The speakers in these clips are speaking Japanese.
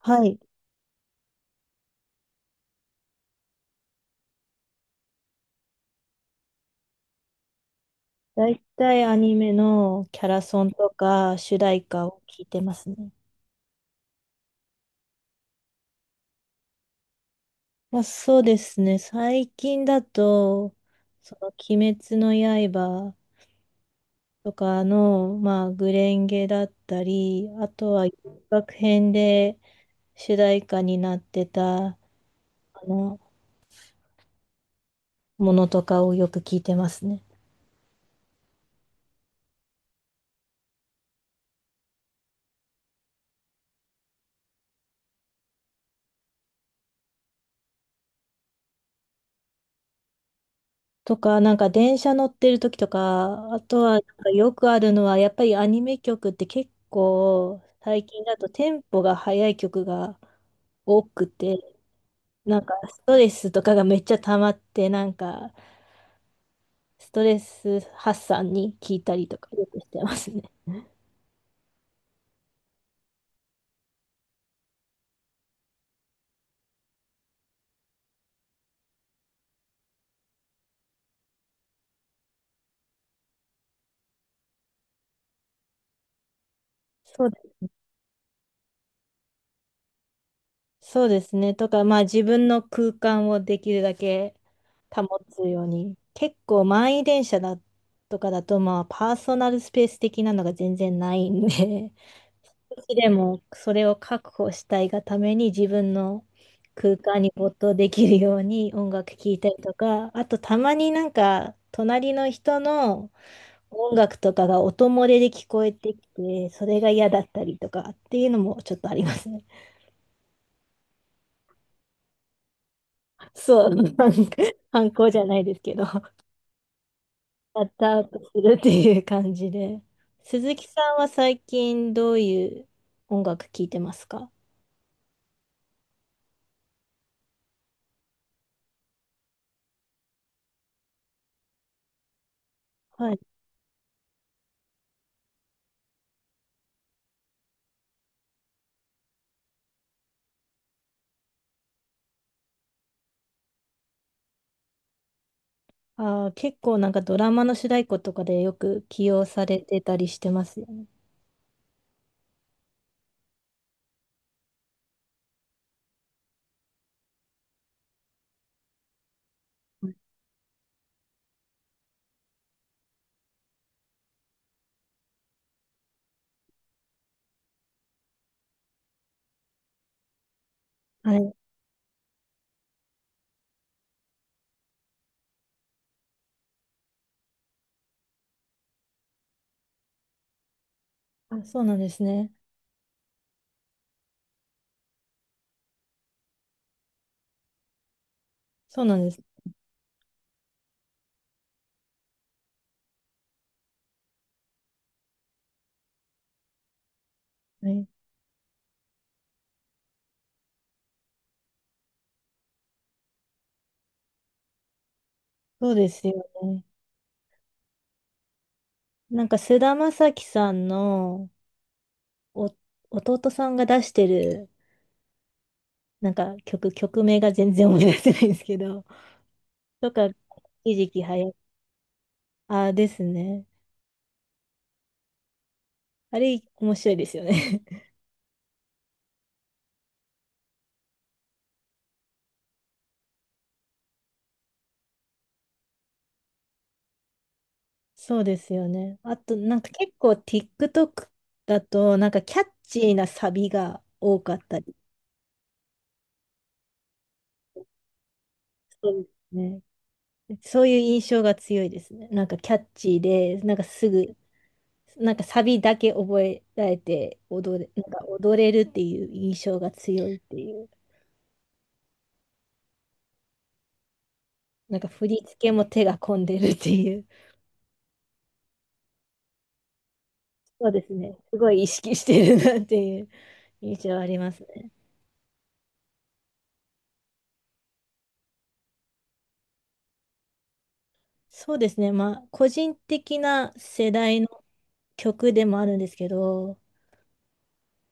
はい。だいたいアニメのキャラソンとか主題歌を聞いてますね。まあ、そうですね。最近だと、鬼滅の刃とかの、まあ、グレンゲだったり、あとは、学編で主題歌になってた、あの、ものとかをよく聞いてますね。とか、なんか電車乗ってる時とか、あとはなんかよくあるのは、やっぱりアニメ曲って結構最近だとテンポが速い曲が多くて、なんかストレスとかがめっちゃ溜まって、なんかストレス発散に聞いたりとかよくしてますね。そうで、そうですね。とか、まあ自分の空間をできるだけ保つように。結構満員電車だとかだと、まあパーソナルスペース的なのが全然ないんで、少しでもそれを確保したいがために自分の空間に没頭できるように音楽聴いたりとか、あとたまになんか隣の人の音楽とかが音漏れで聞こえてきて、それが嫌だったりとかっていうのもちょっとありますね。そう、反抗じゃないですけど、シャットアウトするっていう感じで。鈴木さんは最近どういう音楽聴いてますか？はい。ああ、結構なんかドラマの主題歌とかでよく起用されてたりしてますよね。はい。あ、そうなんですね。そうなんですね。そうですよね。なんか菅田将暉さんのお弟さんが出してるなんか曲、曲名が全然思い出せないんですけど、とか、一時期はや、ああですね。あれ面白いですよね。そうですよね。あとなんか結構 TikTok だとなんかキャッチーなサビが多かったり。そうですね。そういう印象が強いですね。なんかキャッチーで、なんかすぐ、なんかサビだけ覚えられて踊れ、なんか踊れるっていう印象が強いっていう。なんか振り付けも手が込んでるっていう。そうですね。すごい意識してるなっていう印象ありますね。そうですね。まあ、個人的な世代の曲でもあるんですけど、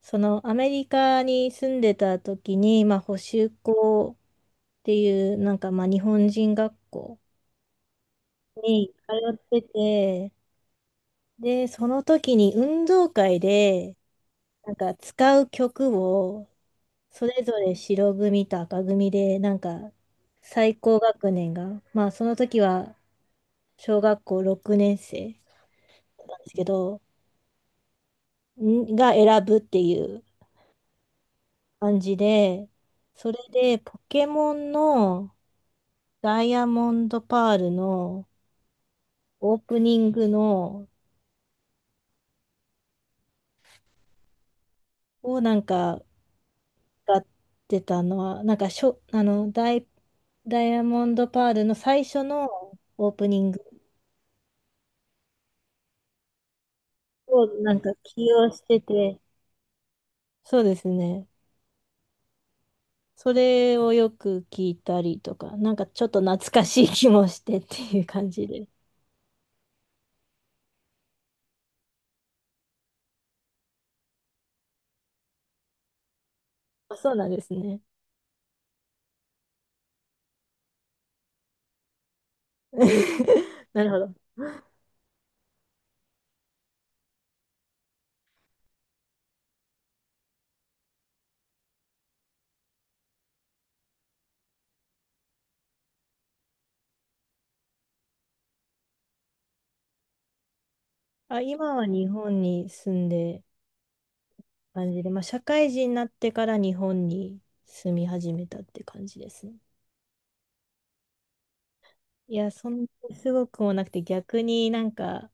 そのアメリカに住んでた時に、まあ、補習校っていう、なんかまあ日本人学校に通ってて、で、その時に運動会で、なんか使う曲を、それぞれ白組と赤組で、なんか最高学年が、まあその時は小学校6年生なんですけど、んが選ぶっていう感じで、それでポケモンの、ダイヤモンドパールのオープニングのをなんか歌ってたのは、なんかダイヤモンドパールの最初のオープニングをなんか起用してて、そうですね。それをよく聞いたりとか、なんかちょっと懐かしい気もしてっていう感じで。あ、そうなんですね。なるほど。あ、今は日本に住んで感じで、まあ、社会人になってから日本に住み始めたって感じですね。いや、そんなすごくもなくて、逆になんか、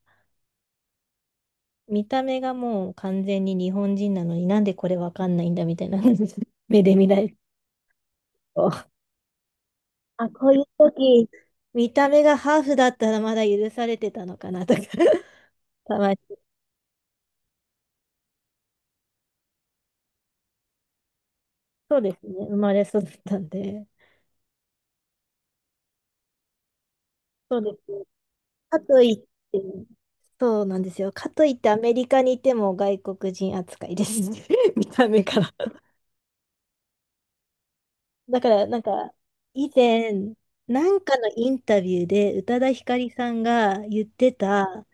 見た目がもう完全に日本人なのになんでこれわかんないんだみたいな 目で見られると。あ、こういう時、見た目がハーフだったらまだ許されてたのかなとか たまに。そうですね。生まれ育ったんで。そうですね。かといって、そうなんですよ。かといってアメリカにいても外国人扱いです。見た目から。だからなんか以前なんかのインタビューで宇多田ヒカリさんが言ってた、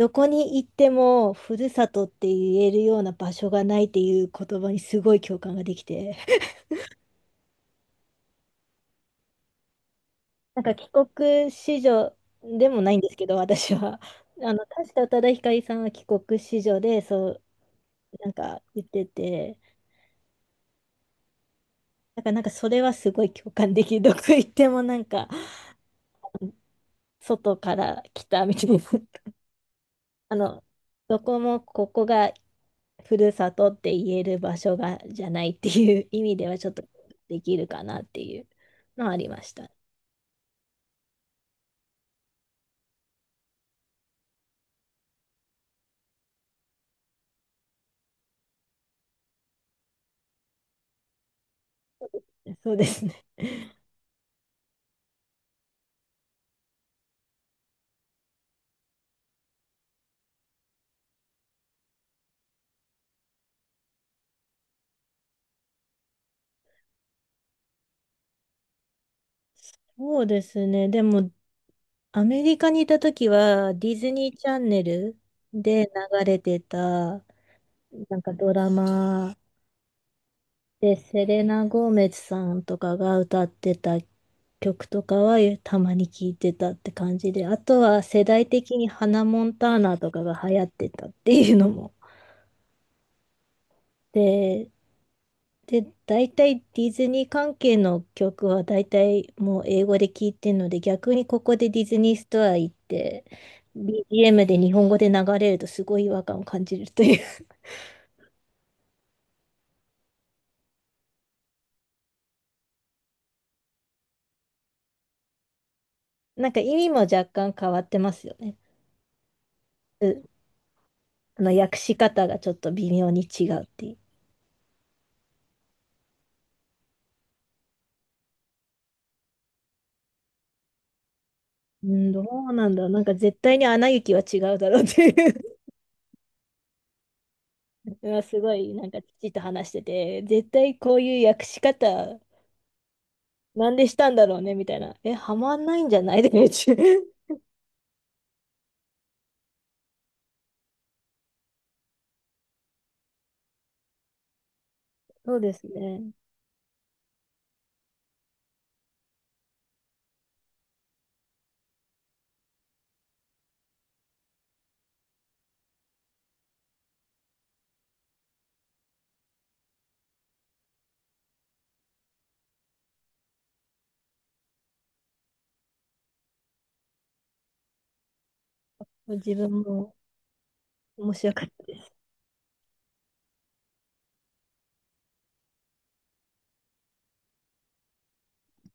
どこに行ってもふるさとって言えるような場所がないっていう言葉にすごい共感ができて なんか帰国子女でもないんですけど私は、確か宇多田ヒカリさんは帰国子女でそうなんか言ってて。だからなんかそれはすごい共感できる。どこ行ってもなんか外から来たみたいな。あの、どこもここがふるさとって言える場所がじゃないっていう意味ではちょっとできるかなっていうのはありました。そうですね。そうですね。でもアメリカにいた時は、ディズニーチャンネルで流れてた、なんかドラマで、セレナ・ゴーメズさんとかが歌ってた曲とかはたまに聞いてたって感じで、あとは世代的にハナ・モンターナとかが流行ってたっていうのも。で、で、大体ディズニー関係の曲は大体もう英語で聞いてるので、逆にここでディズニーストア行って、BGM で日本語で流れるとすごい違和感を感じるという なんか意味も若干変わってますよね。あの訳し方がちょっと微妙に違うっていう。うん、どうなんだろう。なんか絶対にアナ雪は違うだろうっていう うわすごいなんか父と話してて、絶対こういう訳し方なんでしたんだろうねみたいな。え、はまんないんじゃないで そうですね。自分も面白かったです。